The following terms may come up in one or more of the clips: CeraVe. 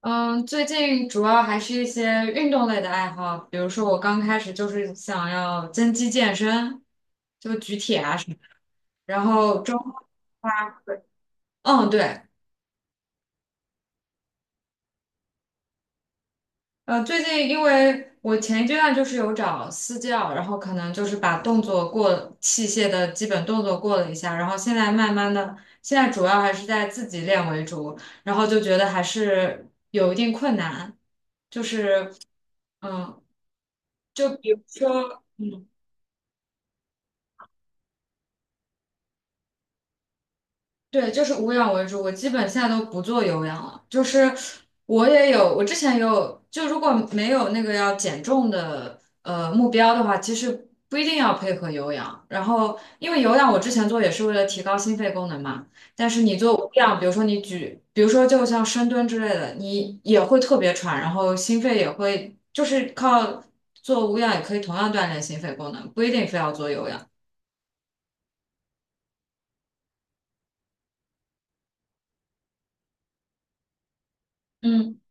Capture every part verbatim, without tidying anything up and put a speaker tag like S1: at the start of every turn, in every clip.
S1: 嗯，最近主要还是一些运动类的爱好，比如说我刚开始就是想要增肌健身，就举铁啊什么。然后中，嗯，对。呃，最近因为我前一阶段就是有找私教，然后可能就是把动作过器械的基本动作过了一下，然后现在慢慢的，现在主要还是在自己练为主，然后就觉得还是有一定困难，就是嗯，就比如说。对，就是无氧为主，我基本现在都不做有氧了。就是我也有，我之前也有，就如果没有那个要减重的呃目标的话，其实不一定要配合有氧。然后，因为有氧我之前做也是为了提高心肺功能嘛，但是你做无氧，比如说你举，比如说就像深蹲之类的，你也会特别喘，然后心肺也会，就是靠做无氧也可以同样锻炼心肺功能，不一定非要做有氧。嗯。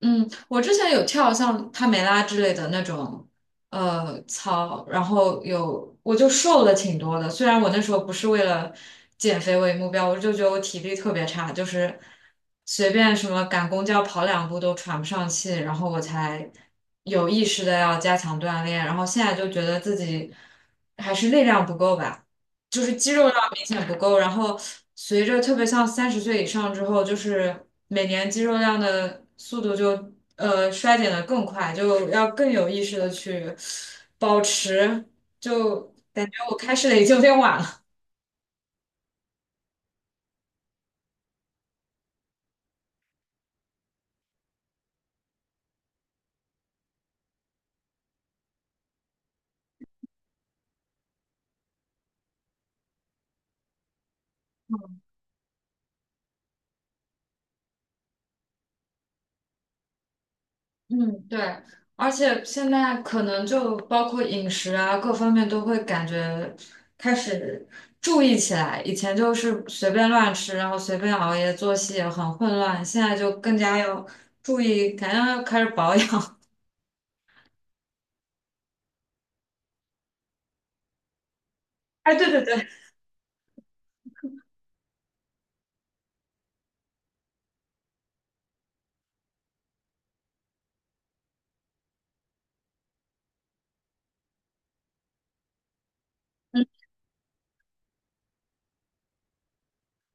S1: 嗯，我之前有跳像帕梅拉之类的那种呃操，然后有我就瘦了挺多的。虽然我那时候不是为了减肥为目标，我就觉得我体力特别差，就是随便什么赶公交跑两步都喘不上气，然后我才有意识的要加强锻炼。然后现在就觉得自己还是力量不够吧。就是肌肉量明显不够，然后随着特别像三十岁以上之后，就是每年肌肉量的速度就呃衰减的更快，就要更有意识的去保持，就感觉我开始的已经有点晚了。嗯，对，而且现在可能就包括饮食啊，各方面都会感觉开始注意起来。以前就是随便乱吃，然后随便熬夜，作息也很混乱，现在就更加要注意，感觉要开始保养。哎，对对对。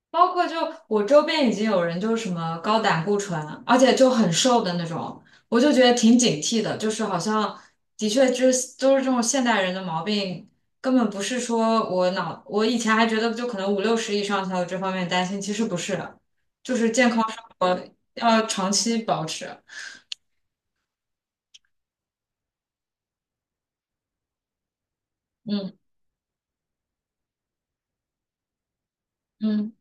S1: 包括就我周边已经有人就是什么高胆固醇，而且就很瘦的那种，我就觉得挺警惕的，就是好像的确就是都是这种现代人的毛病，根本不是说我脑，我以前还觉得就可能五六十以上才有这方面担心，其实不是，就是健康生活要长期保持。嗯嗯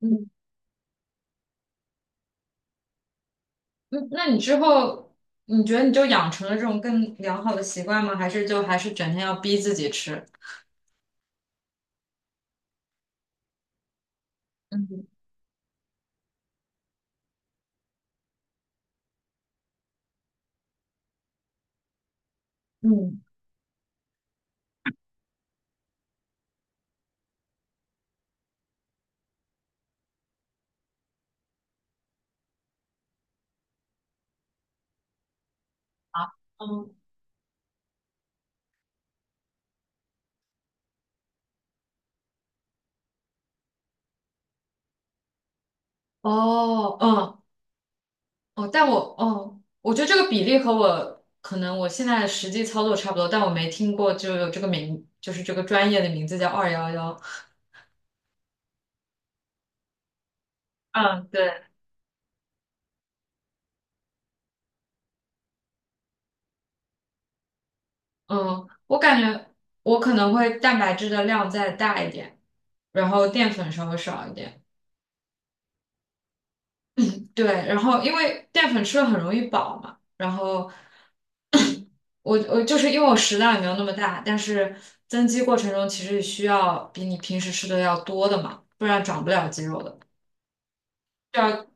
S1: 嗯嗯。那你之后你觉得你就养成了这种更良好的习惯吗？还是就还是整天要逼自己吃？嗯嗯。嗯哦，嗯，哦，但我，哦，我觉得这个比例和我可能我现在实际操作差不多，但我没听过就有这个名，就是这个专业的名字叫二幺幺。嗯，对，嗯，我感觉我可能会蛋白质的量再大一点，然后淀粉稍微少一点。对，然后因为淀粉吃了很容易饱嘛，然后我我就是因为我食量也没有那么大，但是增肌过程中其实需要比你平时吃的要多的嘛，不然长不了肌肉的。要。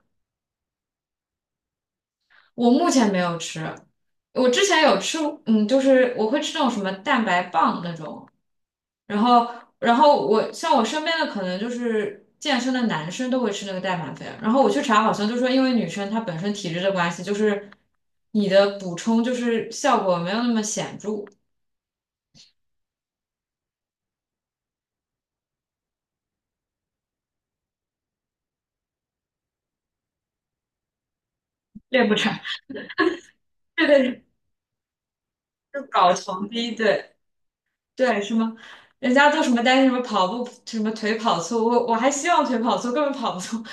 S1: 我目前没有吃，我之前有吃，嗯，就是我会吃那种什么蛋白棒那种，然后，然后，我像我身边的可能就是健身的男生都会吃那个代满粉，然后我去查好像就说因为女生她本身体质的关系，就是你的补充就是效果没有那么显著，练不成。对对对，就搞穷逼，对对，什么人家都什么担心什么跑步什么腿跑粗，我我还希望腿跑粗，根本跑不粗。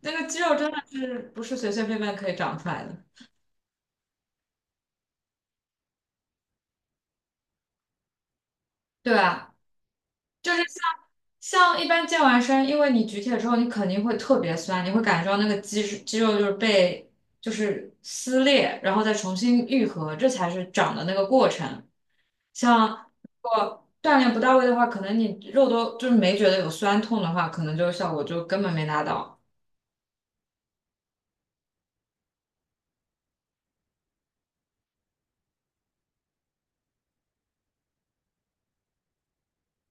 S1: 那个肌肉真的是不是随随便便可以长出来的。对啊，就是像像一般健完身，因为你举铁之后，你肯定会特别酸，你会感觉到那个肌肌肉就是被就是撕裂，然后再重新愈合，这才是长的那个过程。像如果锻炼不到位的话，可能你肉都就是没觉得有酸痛的话，可能就效果就根本没达到。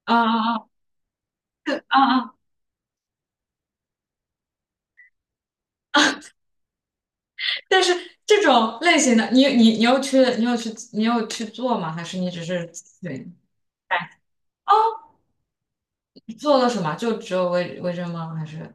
S1: 啊啊啊啊啊！但是这种类型的，你你你有去你有去你有去做吗？还是你只是对？询？哦，你做了什么？就只有微微针吗？还是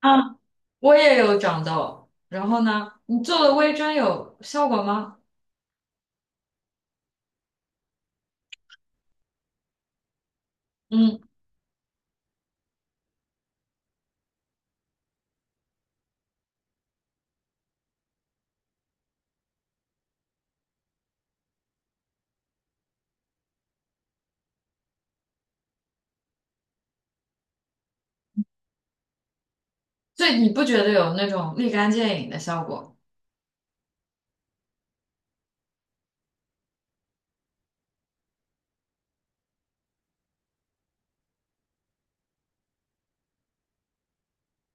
S1: 啊，我也有长痘？然后呢？你做了微针有效果吗？嗯，所以你不觉得有那种立竿见影的效果？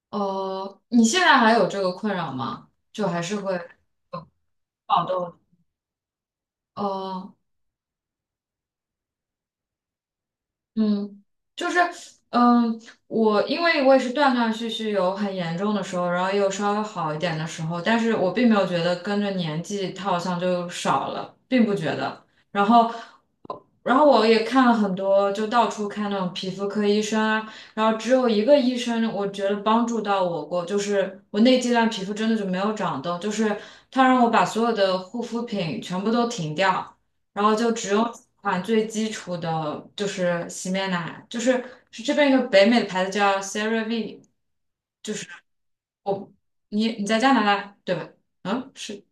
S1: 哦，你现在还有这个困扰吗？就还是会爆痘？哦，嗯，就是，嗯，我因为我也是断断续续有很严重的时候，然后又稍微好一点的时候，但是我并没有觉得跟着年纪它好像就少了，并不觉得。然后，然后我也看了很多，就到处看那种皮肤科医生啊，然后只有一个医生我觉得帮助到我过，就是我那阶段皮肤真的就没有长痘，就是他让我把所有的护肤品全部都停掉。然后就只用几款最基础的，就是洗面奶，就是是这边一个北美的牌子叫 s e r a v e。 我你你在加拿大对吧？嗯，是。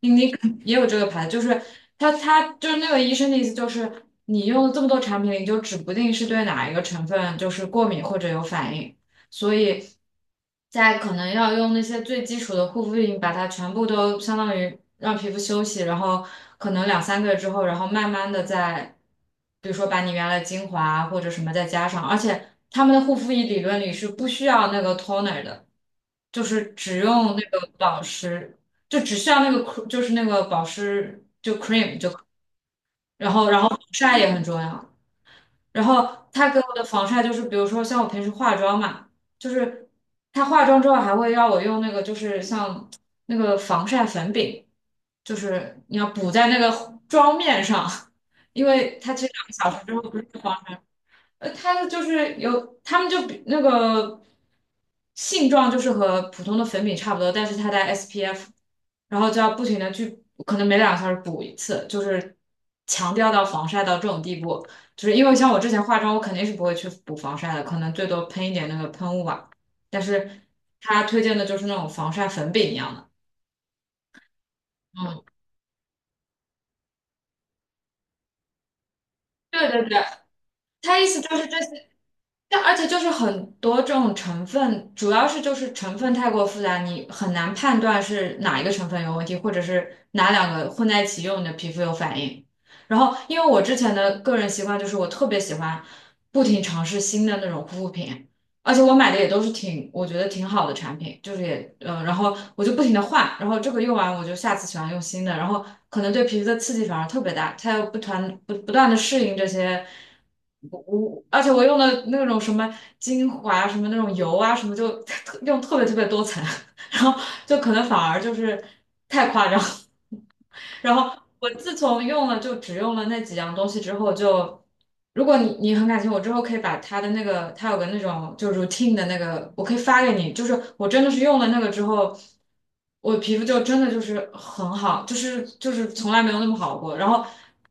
S1: 你你也有这个牌子，就是他他就是那个医生的意思就是，你用了这么多产品，你就指不定是对哪一个成分就是过敏或者有反应，所以在可能要用那些最基础的护肤品，把它全部都相当于让皮肤休息，然后可能两三个月之后，然后慢慢的再，比如说把你原来的精华啊或者什么再加上，而且他们的护肤仪理论里是不需要那个 toner 的，就是只用那个保湿。就只需要那个 cr- 就是那个保湿，然后然后防晒也很重要。然后他给我的防晒就是，比如说像我平时化妆嘛，就是他化妆之后还会让我用那个就是像那个防晒粉饼，就是你要补在那个妆面上。因为他其实两个小时之后不是呃，它的就是有，他们就比那个性状就是和普通的粉饼差不多，但是它带 S P F，然后就要不停的去，可能每两个小时补一次，就是强调到防晒到这种地步，就是因为像我之前化妆，我肯定是不会去补防晒的，可能最多喷一点那个喷雾吧，但是他推荐的就是那种防晒粉饼一样的。嗯，对对对，他意思就是这。但而且就是很多这种成分，主要是就是成分太过复杂，你很难判断是哪一个成分有问题，或者是哪两个混在一起用你的皮肤有反应。然后，因为我之前的个人习惯就是我特别喜欢不停尝试新的那种护肤品，而且我买的也都是挺，我觉得挺好的产品，就是也，嗯，然后我就不停的换，然后这个用完我就下次喜欢用新的，然后可能对皮肤的刺激反而特别大，它要不团不不断的适应这些，我我，而且我用的那种什么精华啊什么那种油啊什么就 用特别特别多层，然后就可能反而就是太夸张。然后我自从用了就只用了那几样东西之后就。如果你你很感谢我之后可以把他的那个，他有个那种就是 routine 的那个，我可以发给你。就是我真的是用了那个之后，我皮肤就真的就是很好，就是就是从来没有那么好过。然后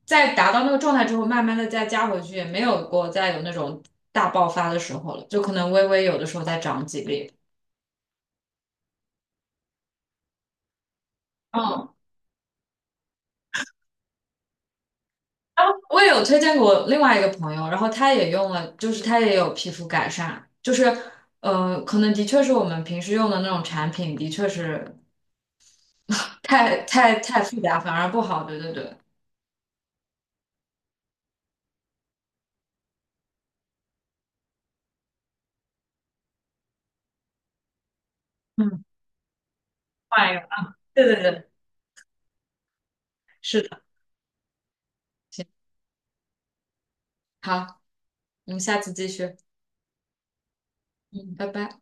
S1: 在达到那个状态之后，慢慢的再加回去，也没有过再有那种大爆发的时候了，就可能微微有的时候再长几粒。嗯然后我也有推荐给我另外一个朋友，然后他也用了，就是他也有皮肤改善，就是呃，可能的确是我们平时用的那种产品，的确是太太太复杂，反而不好。对对对，嗯，换一个，对对对，行，好，我们下次继续，嗯，拜拜。